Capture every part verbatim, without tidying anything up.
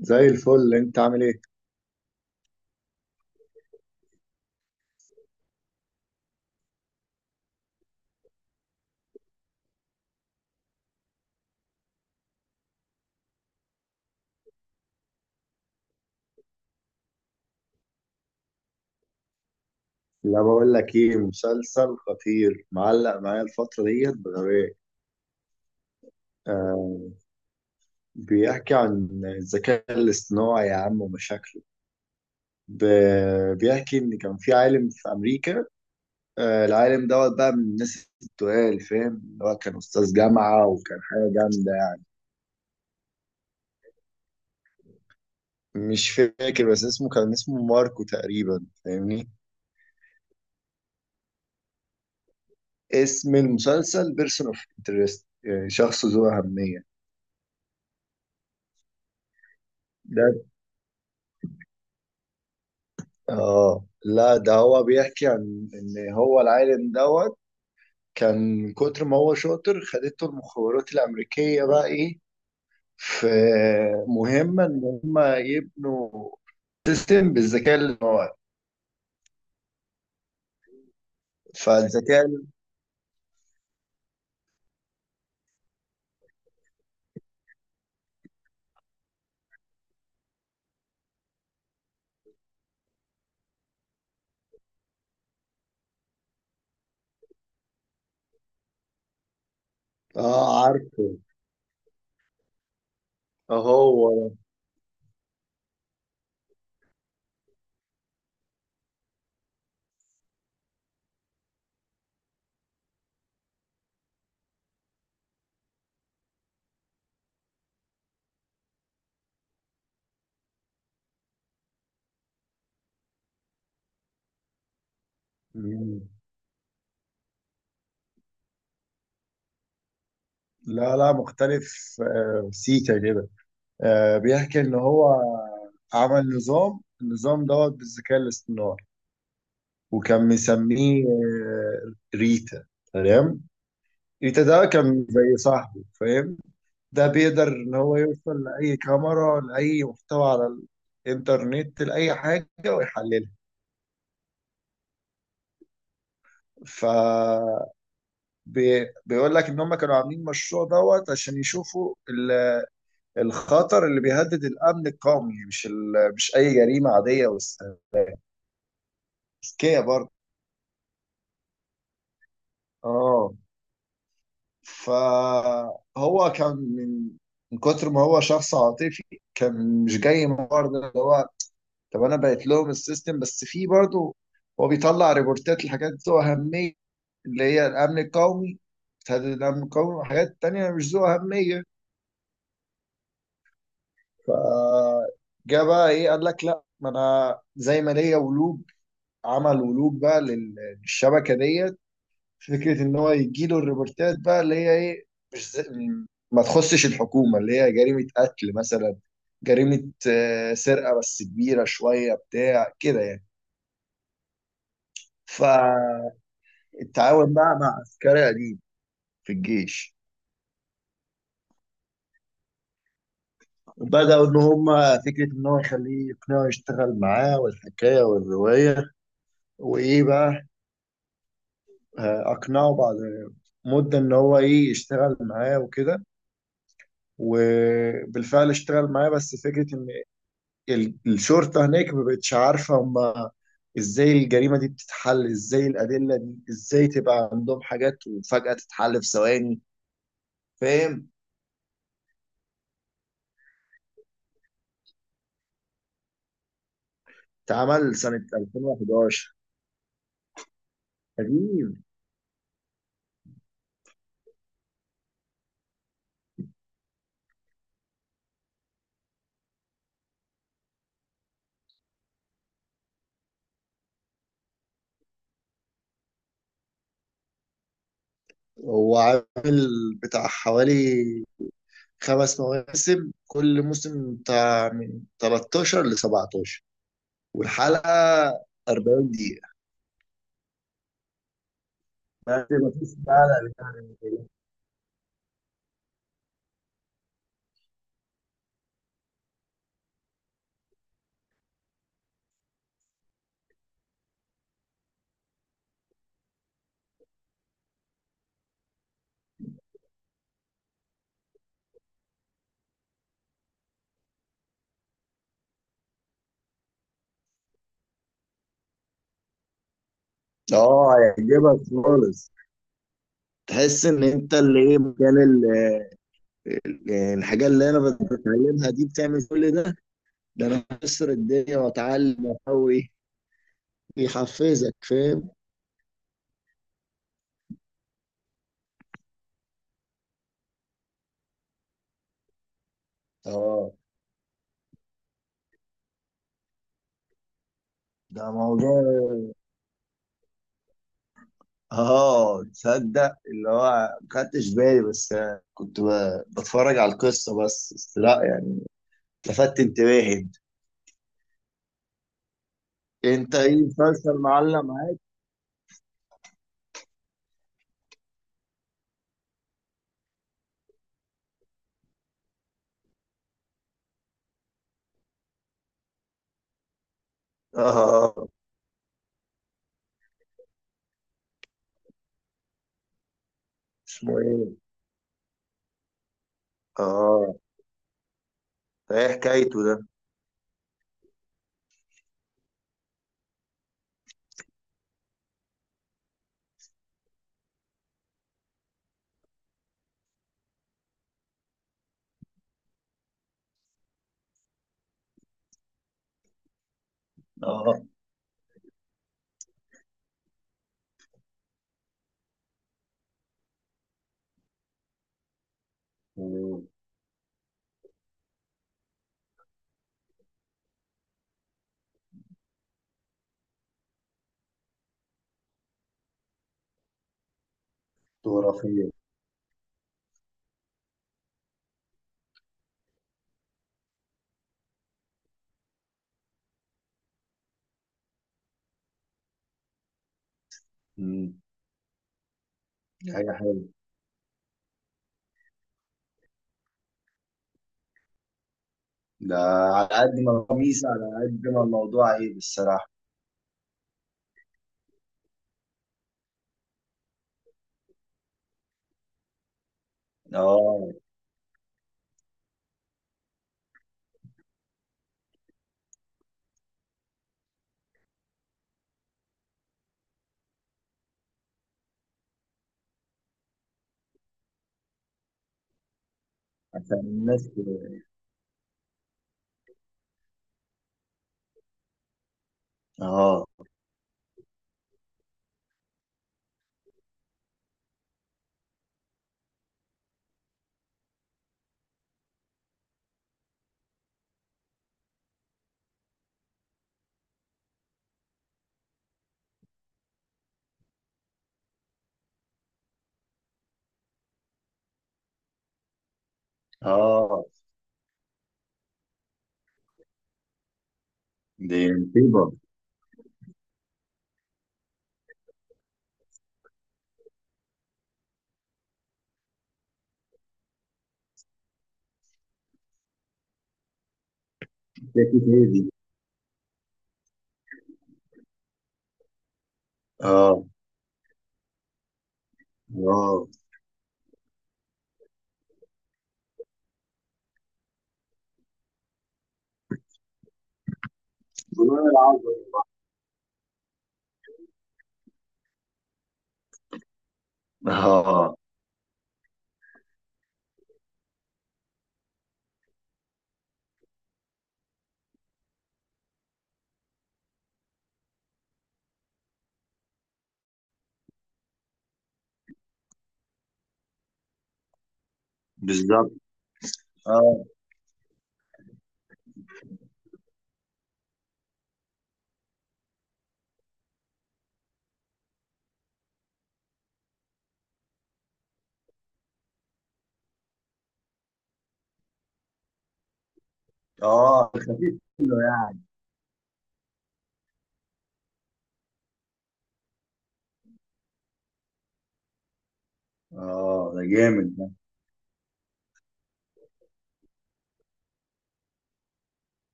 زي الفل، انت عامل ايه؟ لا، بقول لك ايه، مسلسل خطير معلق معايا الفترة ديت بغباء. آه. بيحكي عن الذكاء الاصطناعي يا عم ومشاكله. ب- بيحكي ان كان في عالم في امريكا. آه، العالم دوت بقى من الناس التقال، فاهم؟ اللي هو كان استاذ جامعة وكان حاجة جامدة يعني. مش فاكر، بس اسمه كان اسمه ماركو تقريبا، فاهمني؟ اسم المسلسل بيرسون اوف انترست، شخص ذو أهمية. اه. لا، ده هو بيحكي عن ان هو العالم دوت كان من كتر ما هو شاطر، خدته المخابرات الامريكيه بقى ايه، في مهمه ان هم يبنوا سيستم بالذكاء الاصطناعي. فالذكاء. اه، عارفه. هو. مم. لا لا، مختلف، آه، سيكا كده. آه، بيحكي ان هو عمل نظام النظام دوت بالذكاء الاصطناعي، وكان مسميه آه، ريتا. تمام. ريتا ده كان زي صاحبه، فاهم. ده بيقدر ان هو يوصل لاي كاميرا، لاي محتوى على الانترنت، لاي حاجه ويحللها. ف، بي- بيقول لك ان هم كانوا عاملين مشروع دوت عشان يشوفوا ال- الخطر اللي بيهدد الامن القومي، مش ال، مش اي جريمه عاديه بس، ذكيه برضه. اه. فهو كان من من كتر ما هو شخص عاطفي، كان مش جاي من برضه اللي هو، طب انا بقيت لهم السيستم، بس في برضه هو بيطلع ريبورتات لحاجات ذو اهميه، اللي هي الامن القومي، تهدد الامن القومي، وحاجات تانية مش ذو اهميه. فجاء بقى ايه، قال لك لا، ما انا زي ما ليا ولوج، عمل ولوج بقى لل- للشبكه دي، فكره ان هو يجيله الريبورتات بقى اللي هي ايه، مش زي ما تخصش الحكومه، اللي هي جريمه قتل مثلا، جريمه آه، سرقه، بس كبيره شويه بتاع كده يعني. فالتعاون بقى مع عسكري قديم في الجيش، بدأوا إن هما فكرة إن هو يخليه يقنعه يشتغل معاه، والحكاية والرواية وإيه بقى. آه، أقنعه بعد مدة إن هو إيه يشتغل معاه وكده. وبالفعل اشتغل معاه، بس فكرة ال- الشرطة هناك ما بقتش عارفة، هما ازاي الجريمة دي بتتحل، ازاي الأدلة دي، ازاي تبقى عندهم حاجات وفجأة تتحل في ثواني، فاهم. اتعمل سنة ألفين وحداشر، قديم. هو عامل بتاع حوالي خمس مواسم، كل موسم بتاع من تلتاشر ل سبعتاشر، والحلقة 40 دقيقة، بس مفيش حلقة بتاعت. اه، هيعجبك خالص. تحس ان انت اللي ايه مكان، يعني الحاجة اللي أنا بت- بتعلمها دي بتعمل كل ده، ده أنا هكسر الدنيا وأتعلم وأقوي. يحفزك، فاهم. اه، ده موضوع. اه، تصدق اللي هو، ما خدتش بالي، بس كنت ب- بتفرج على القصة بس بس لا يعني، لفت انتباهي. انت ايه مسلسل معلم معاك؟ اه. اسمه ايه؟ اه. ده ايه حكايته ده؟ اه. مم. خرافية. اي حاجة حلوة. ده على قد ما هو ميزة، على قد ما الموضوع عيب الصراحة. اه، عشان الناس. اه. اه. دي مصيبة. شاكت هي دي. اه. اه. والله العظيم. اه، بالظبط. اه. اه، خفيف منه يعني. اه، ده جامد ده.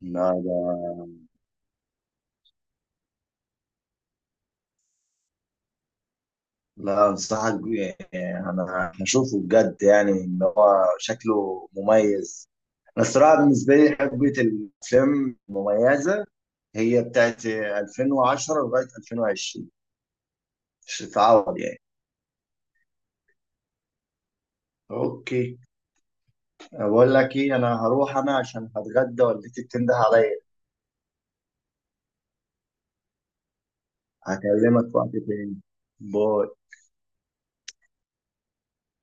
لا، ده. لا، انصحك بيه يعني، انا هشوفه بجد يعني، ان هو شكله مميز. انا الصراحه بالنسبه لي حقبه الافلام المميزه هي بتاعت ألفين وعشرة لغايه ألفين وعشرين، مش هتتعوض يعني. اوكي. بقول لك ايه، انا هروح انا عشان هتغدى، والدتي بتنده عليا. هكلمك وقت تاني. باي.